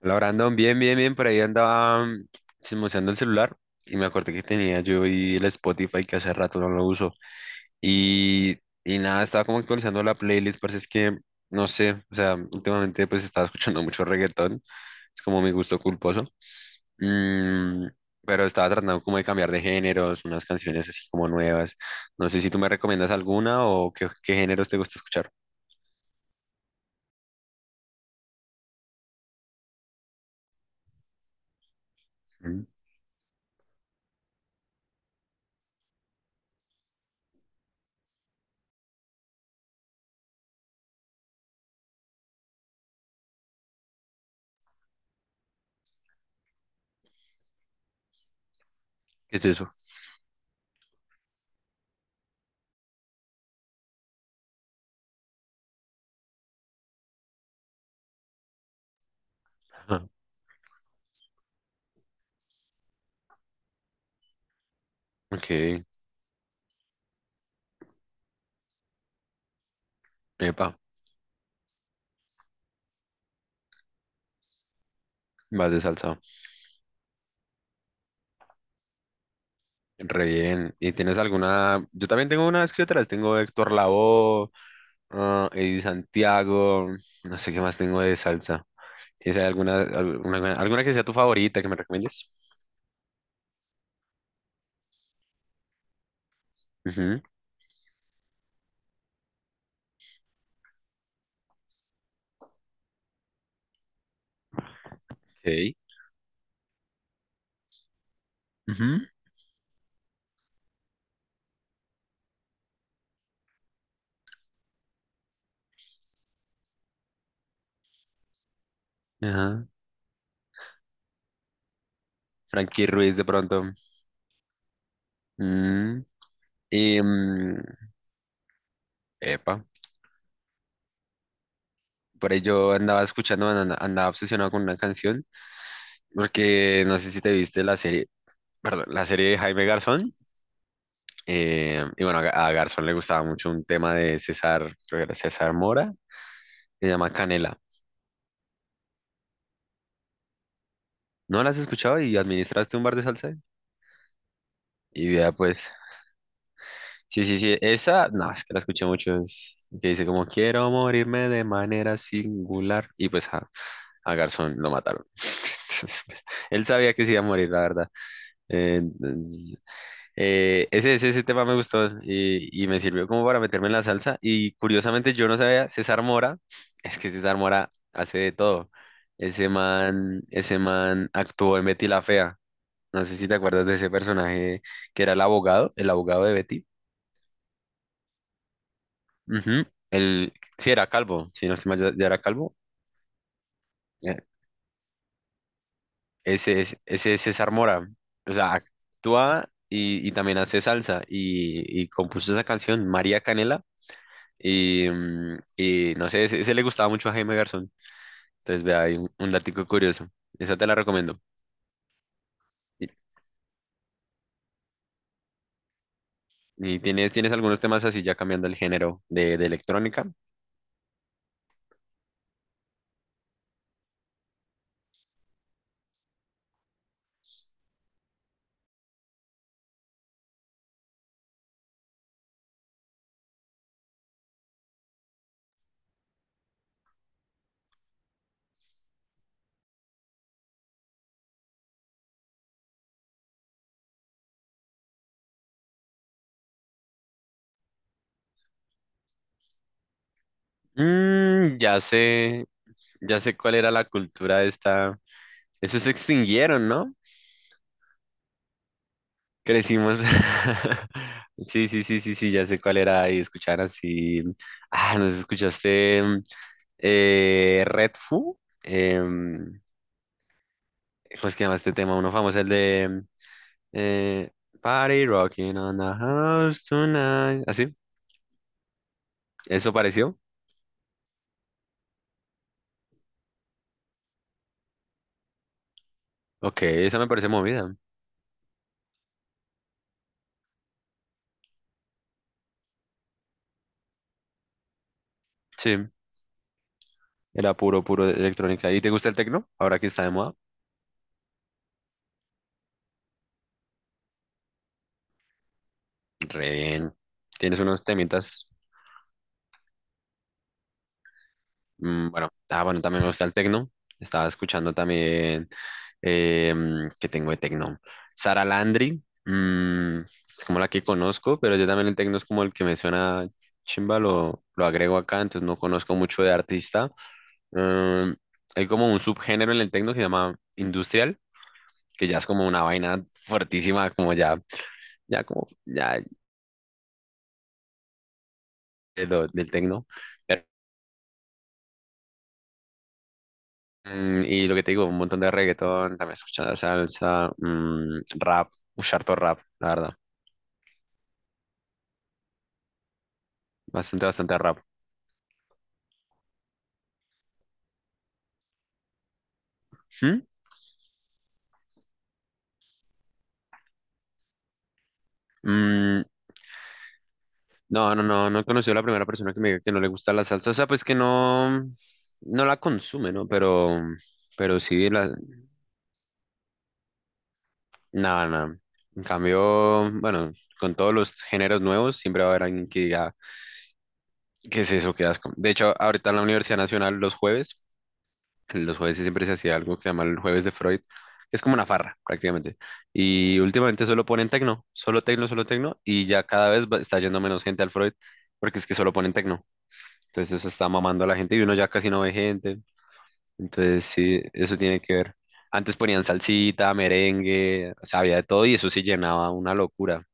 Hola, Brandon, bien, bien, bien, por ahí andaba chismoseando el celular y me acordé que tenía yo y el Spotify que hace rato no lo uso y nada, estaba como actualizando la playlist, parece es que, no sé, o sea, últimamente pues estaba escuchando mucho reggaetón, es como mi gusto culposo, mm, pero estaba tratando como de cambiar de géneros, unas canciones así como nuevas, no sé si tú me recomiendas alguna o qué, qué géneros te gusta escuchar. Mm. ¿Qué es eso? Ajá. Ok. Epa, vas de salsa. Re bien. ¿Y tienes alguna? Yo también tengo unas que otras. Tengo Héctor Lavoe, Eddie Santiago, no sé qué más tengo de salsa. ¿Tienes alguna, alguna, alguna que sea tu favorita que me recomiendes? Ujú. Ok. Ujú. Ajá. Frankie Ruiz de pronto. Mm. y, mm, Epa. Por ahí yo andaba escuchando, andaba obsesionado con una canción, porque no sé si te viste la serie, perdón, la serie de Jaime Garzón. Y bueno, a Garzón le gustaba mucho un tema de César, creo que era César Mora, se llama Canela. ¿No la has escuchado y administraste un bar de salsa? Y vea, pues, sí, sí, sí, esa, no, es que la escuché mucho, es que dice como quiero morirme de manera singular. Y pues a Garzón lo mataron. Entonces, pues, él sabía que se iba a morir, la verdad. Eh, ese tema me gustó y me sirvió como para meterme en la salsa. Y curiosamente yo no sabía, César Mora, es que César Mora hace de todo. Ese man actuó en Betty la Fea. No sé si te acuerdas de ese personaje que era el abogado de Betty. Ujú. El, sí, era calvo, si no se mal, ya, ya era calvo. Ya. Ese es César Mora. O sea, actúa y también hace salsa y compuso esa canción, María Canela. Y no sé, ese le gustaba mucho a Jaime Garzón. Entonces, vea, hay un datico curioso. Esa te la recomiendo. ¿Y, tienes algunos temas así ya cambiando el género de electrónica? Mm, ya sé cuál era la cultura de esta. Esos se extinguieron, ¿no? Crecimos. Sí, sí, sí, sí, sí, ya sé cuál era. Y escuchar así. Ah, ¿nos escuchaste Red Fu? ¿Cómo es que llama este tema? Uno famoso, el de Eh, Party rocking on the house tonight. ¿Así? ¿Eso pareció? Ok, esa me parece movida. Sí, era puro, puro de electrónica. ¿Y te gusta el tecno? Ahora que está de moda. Re bien. Tienes unos temitas. Bueno, bueno, también me gusta el tecno. Estaba escuchando también. Eh, ¿Que tengo de tecno? Sara Landry. Mm, es como la que conozco, pero yo también el tecno es como el que me suena chimba. Lo agrego acá, entonces no conozco mucho de artista. Em, Hay como un subgénero en el techno que se llama industrial, que ya es como una vaina fuertísima, como ya, ya como, ya del techno. Pero, y lo que te digo, un montón de reggaetón, también escuchando salsa, mm, rap, un harto rap, la verdad. Bastante, bastante rap. ¿Mm? Mm, no, no, no, no he conocido a la primera persona que me diga que no le gusta la salsa. O sea, pues que no, no la consume, ¿no? Pero sí, la, nada, nada. En cambio, bueno, con todos los géneros nuevos siempre va a haber alguien que diga, ¿qué es eso? ¿Qué asco? De hecho, ahorita en la Universidad Nacional los jueves sí siempre se hacía algo que se llama el jueves de Freud, que es como una farra prácticamente. Y últimamente solo ponen tecno, solo tecno, solo tecno, y ya cada vez está yendo menos gente al Freud, porque es que solo ponen tecno. Entonces eso está mamando a la gente y uno ya casi no ve gente. Entonces sí, eso tiene que ver. Antes ponían salsita, merengue, o sea, había de todo y eso sí llenaba una locura.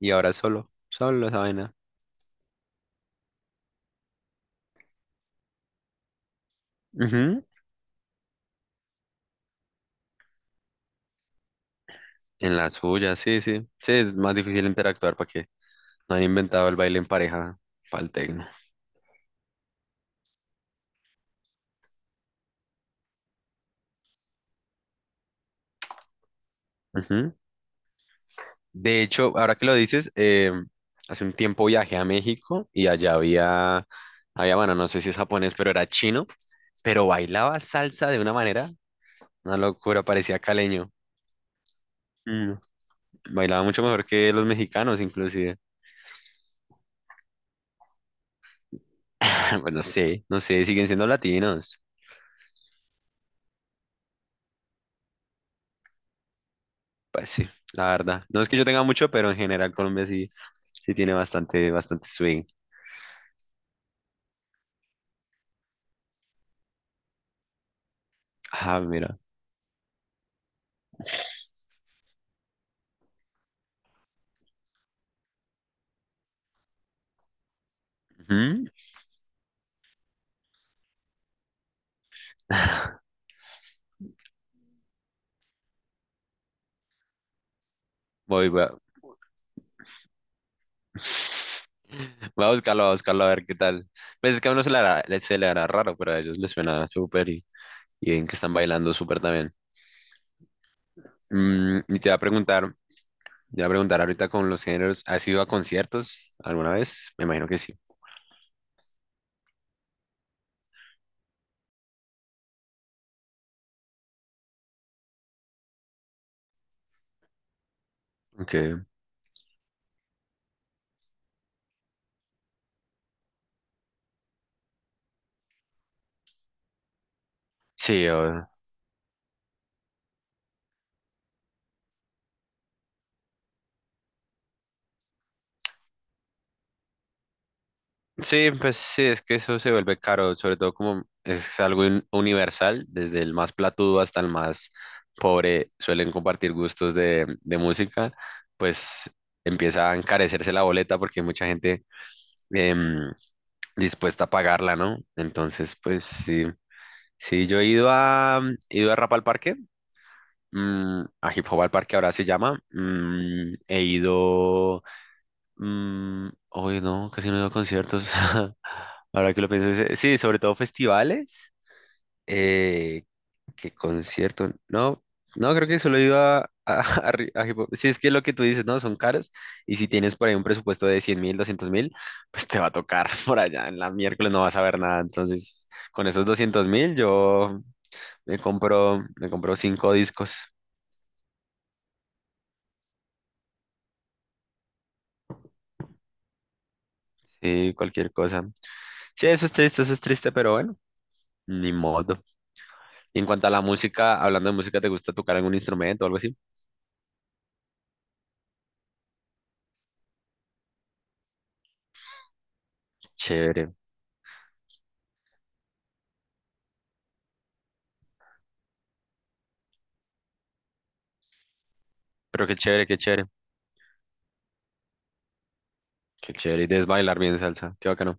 Y ahora solo, solo esa vaina. Ujú. En la suya, sí, sí. Sí, es más difícil interactuar para que no han inventado el baile en pareja para el tecno. Ujú. De hecho, ahora que lo dices, hace un tiempo viajé a México y allá había, había, bueno, no sé si es japonés, pero era chino, pero bailaba salsa de una manera, una locura, parecía caleño. Mm. Bailaba mucho mejor que los mexicanos, inclusive. Bueno, no sé, no sé, siguen siendo latinos. Pues sí, la verdad. No es que yo tenga mucho, pero en general Colombia sí, sí tiene bastante, bastante swing. Ah, mira. Ujú. Voy, voy a... voy a buscarlo a ver qué tal. Pues es que a uno se le hará, se le hará raro, pero a ellos les suena súper y ven que están bailando súper también. Mm, y te voy a preguntar, te voy a preguntar ahorita con los géneros, ¿has ido a conciertos alguna vez? Me imagino que sí. Okay. Sí, o. Sí, pues sí, es que eso se vuelve caro, sobre todo como es algo universal, desde el más platudo hasta el más pobre suelen compartir gustos de música, pues empieza a encarecerse la boleta porque hay mucha gente em, dispuesta a pagarla, ¿no? Entonces, pues sí, sí, yo he ido mm, he ido a rap al parque, mm, a hip hop al parque ahora se llama, mm, he ido, mm, hoy no, casi no he ido a conciertos. Ahora que lo pienso, sí, sobre todo festivales, eh, que conciertos, no, no, creo que solo iba a hip hop. Si es que lo que tú dices, ¿no? Son caros, y si tienes por ahí un presupuesto de 100.000, 200.000, pues te va a tocar por allá, en la miércoles no vas a ver nada, entonces con esos 200.000 yo me compro cinco discos, sí, cualquier cosa. Sí, eso es triste, pero bueno, ni modo. Y en cuanto a la música, hablando de música, ¿te gusta tocar algún instrumento o algo así? Chévere. Pero qué chévere, qué chévere. Qué chévere. Y debes bailar bien salsa. Qué bacano.